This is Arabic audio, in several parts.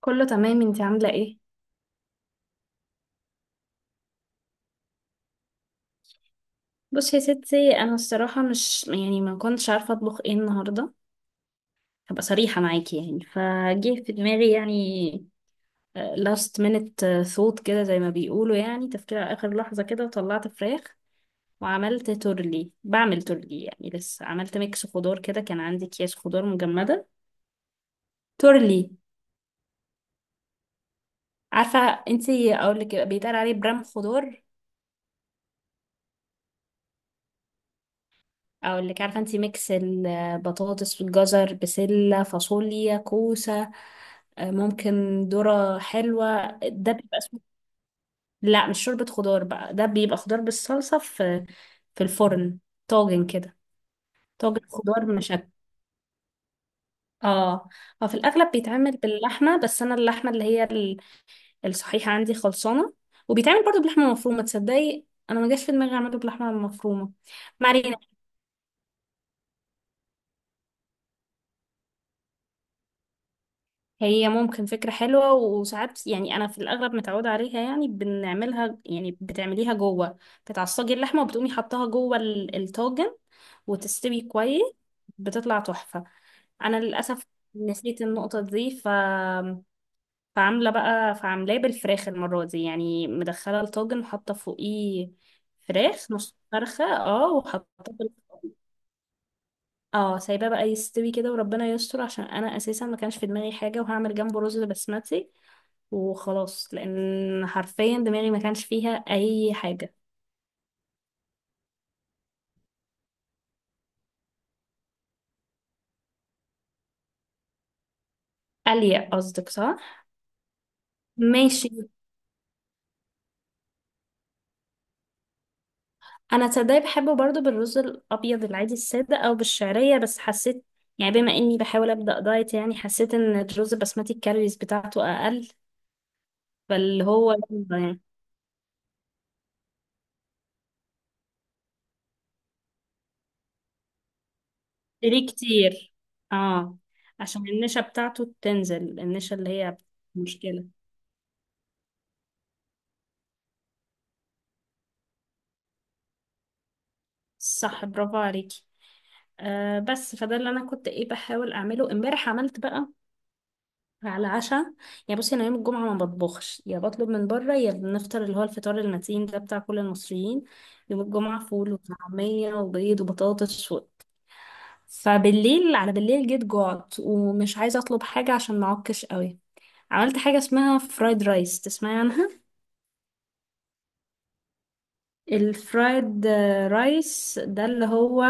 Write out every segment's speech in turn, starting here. كله تمام انتي عاملة ايه؟ بصي يا ستي، انا الصراحة مش يعني ما كنتش عارفة اطبخ ايه النهاردة. هبقى صريحة معاكي، يعني فجه في دماغي يعني last minute thought كده، زي ما بيقولوا يعني تفكير على اخر لحظة كده، وطلعت فراخ وعملت تورلي. بعمل تورلي يعني، لسه عملت ميكس خضار كده، كان عندي اكياس خضار مجمدة. تورلي. عارفة؟ انتي اقول لك بيتقال عليه برام خضار. اقول لك عارفه انت، ميكس البطاطس والجزر بسله فاصوليا كوسه، ممكن ذره حلوه، ده بيبقى اسمه. لا مش شوربه خضار بقى، ده بيبقى خضار بالصلصه في الفرن. طاجن كده. طاجن خضار مشكل. اه. هو في الاغلب بيتعمل باللحمه، بس انا اللحمه اللي هي الصحيحه عندي خلصانه. وبيتعمل برضو بلحمه مفرومه، تصدقي؟ انا ما جاش في دماغي اعمله بلحمه مفرومه. ما هي ممكن فكرة حلوة، وساعات يعني أنا في الأغلب متعودة عليها، يعني بنعملها يعني، بتعمليها جوه. بتعصجي اللحمة وبتقومي حطاها جوه الطاجن وتستوي كويس. بتطلع تحفة. أنا للأسف نسيت النقطة دي. فعاملة بقى، فعاملاه بالفراخ المرة دي يعني، مدخلة الطاجن وحاطة فوقيه فراخ. نص فرخة، اه، وحاطة. اه، سايباه بقى يستوي كده، وربنا يستر، عشان انا اساسا ما كانش في دماغي حاجه، وهعمل جنبه رز بسمتي وخلاص، لان حرفيا دماغي ما كانش فيها اي حاجه. قليه قصدك، صح. ماشي. انا تصدقي بحبه برضو بالرز الابيض العادي الساده او بالشعريه، بس حسيت يعني بما اني بحاول ابدا دايت، يعني حسيت ان الرز البسمتي الكالوريز بتاعته اقل، فاللي هو يلا يعني. ليه كتير. اه. عشان النشا بتاعته تنزل، النشا اللي هي مشكله. صح، برافو عليكي. بس فده اللي انا كنت بحاول اعمله امبارح، عملت بقى على عشاء يعني. بصي انا يوم الجمعه ما بطبخش، يا بطلب من بره يا بنفطر اللي هو الفطار المتين ده بتاع كل المصريين. يوم الجمعه فول وطعميه وبيض وبطاطس. فبالليل، على بالليل، جيت جوعت ومش عايزه اطلب حاجه عشان ما اعكش قوي. عملت حاجه اسمها فرايد رايس، تسمعي عنها؟ الفرايد رايس ده اللي هو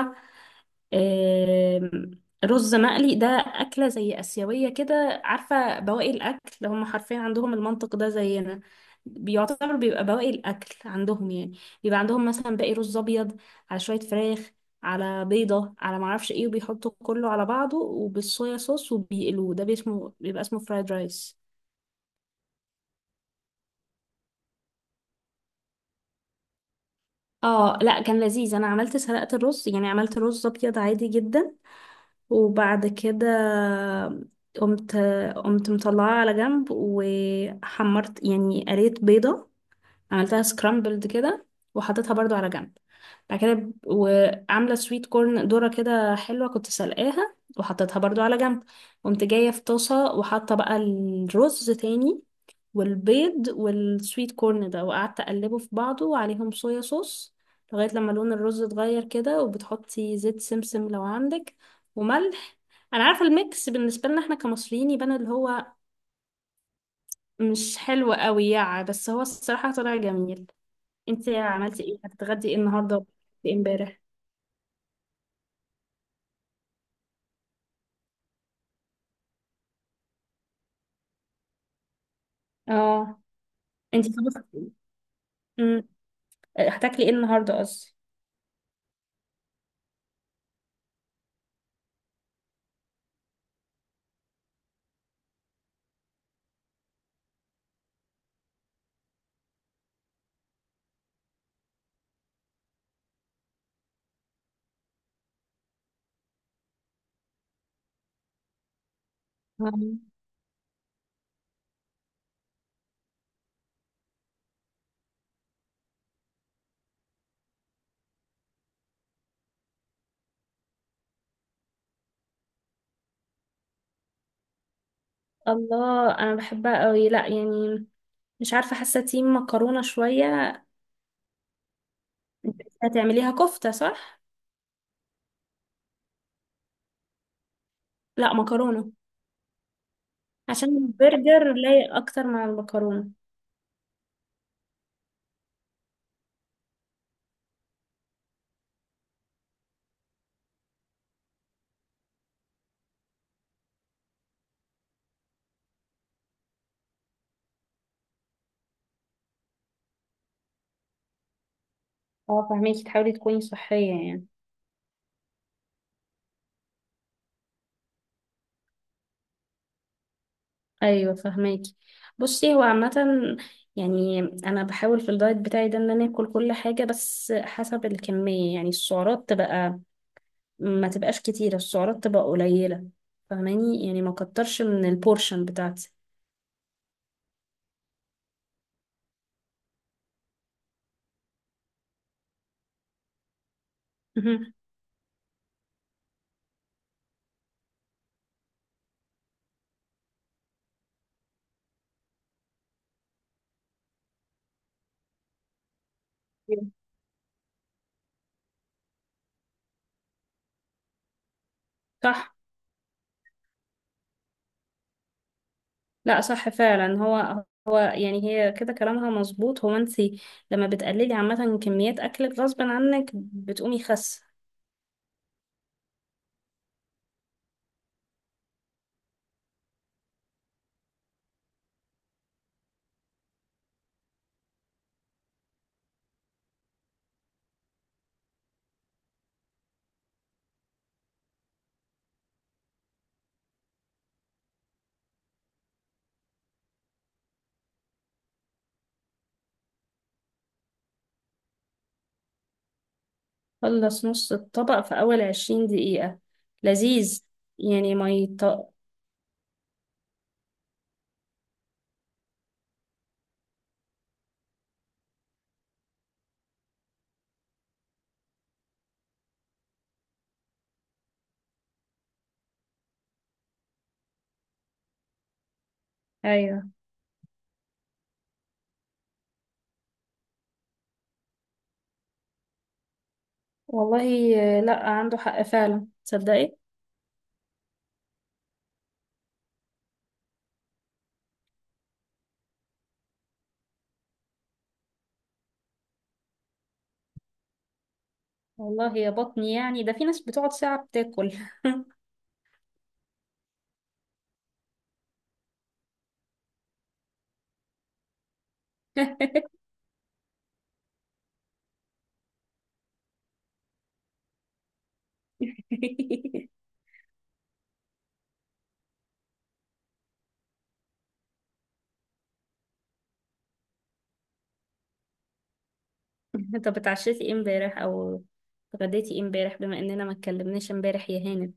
آم، رز مقلي. ده أكلة زي آسيوية كده، عارفة؟ بواقي الأكل، هم حرفيا عندهم المنطق ده زينا. بيعتبر، بيبقى بواقي الأكل عندهم يعني. بيبقى عندهم مثلا باقي رز أبيض، على شوية فراخ، على بيضة، على معرفش ايه، وبيحطوا كله على بعضه وبالصويا صوص وبيقلوه. ده بيسمه، بيبقى اسمه فرايد رايس. اه لا، كان لذيذ. انا عملت سلقة الرز يعني، عملت رز ابيض عادي جدا. وبعد كده قمت قمت مطلعاها على جنب وحمرت يعني. قريت بيضة عملتها سكرامبلد كده، وحطيتها برضو على جنب. بعد كده، وعاملة سويت كورن، ذرة كده حلوة كنت سلقاها وحطيتها برضو على جنب. قمت جاية في طاسة وحاطة بقى الرز تاني، والبيض والسويت كورن ده، وقعدت اقلبه في بعضه وعليهم صويا صوص، لغاية لما لون الرز اتغير كده. وبتحطي زيت سمسم لو عندك، وملح. انا عارفة الميكس بالنسبة لنا احنا كمصريين يبان اللي هو مش حلو قوي يعني، بس هو الصراحة طلع جميل. انت عملتي ايه؟ هتتغدي ايه النهاردة وبتاكلي ايه امبارح؟ اه. انت طبختي ايه؟ امم هتاكلي ايه النهاردة قصدي. آه. الله انا بحبها قوي، لا يعني مش عارفة، حاسة تيم مكرونة شوية. انت هتعمليها كفتة صح؟ لا، مكرونة، عشان البرجر لايق أكتر مع المكرونة. اه، فهميكي، تحاولي تكوني صحية يعني. أيوة فهميكي. بصي هو عامة، يعني أنا بحاول في الدايت بتاعي ده إن أنا آكل كل حاجة، بس حسب الكمية، يعني السعرات تبقى ما تبقاش كتيرة، السعرات تبقى قليلة، فهماني؟ يعني ما كترش من البورشن بتاعتي. مهم. صح. لا صح فعلا، هو هو يعني، هي كده كلامها مظبوط. هو انت لما بتقللي عامة كميات اكلك، غصب عنك بتقومي خس. خلص نص الطبق في اول 20 دقيقة؟ لذيذ. يعني ما يط... ايوه. والله، لا، عنده حق فعلا، تصدقي. والله يا بطني، يعني ده في ناس بتقعد ساعة بتاكل. طب اتعشيتي ايه امبارح، او اتغديتي ايه امبارح، بما اننا ما اتكلمناش امبارح يا هاني؟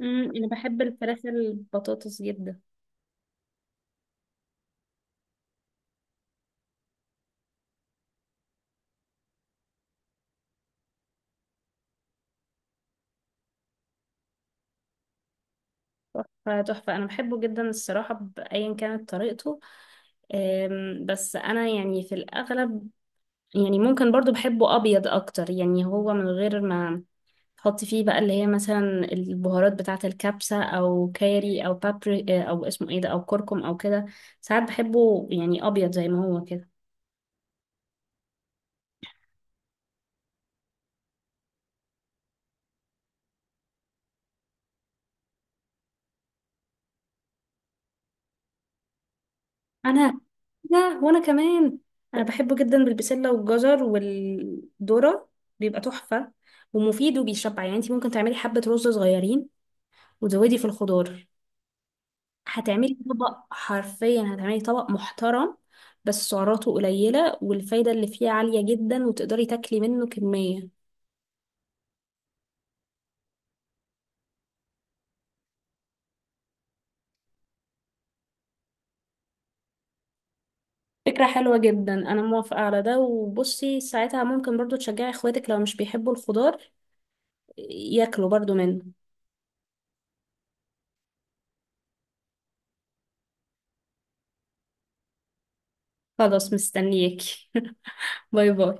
انا بحب الفراخ البطاطس جدا. تحفه تحفه. انا بحبه جدا الصراحه، بايا كانت طريقته. بس انا يعني في الاغلب، يعني ممكن برضو بحبه ابيض اكتر يعني، هو من غير ما تحط فيه بقى اللي هي مثلا البهارات بتاعه الكبسه او كاري او بابري، او اسمه ايه ده، او كركم او كده. ساعات بحبه يعني ابيض زي ما هو كده. انا لا وانا كمان، انا بحبه جدا بالبسله والجزر والذره. بيبقى تحفه ومفيد وبيشبع يعني. انت ممكن تعملي حبه رز صغيرين وتزودي في الخضار، هتعملي طبق، حرفيا هتعملي طبق محترم بس سعراته قليله، والفايده اللي فيه عاليه جدا، وتقدري تاكلي منه كميه. فكره حلوه جدا، انا موافقه على ده. وبصي ساعتها ممكن برضو تشجعي اخواتك لو مش بيحبوا الخضار ياكلوا برضو منه. خلاص مستنياكي. باي باي.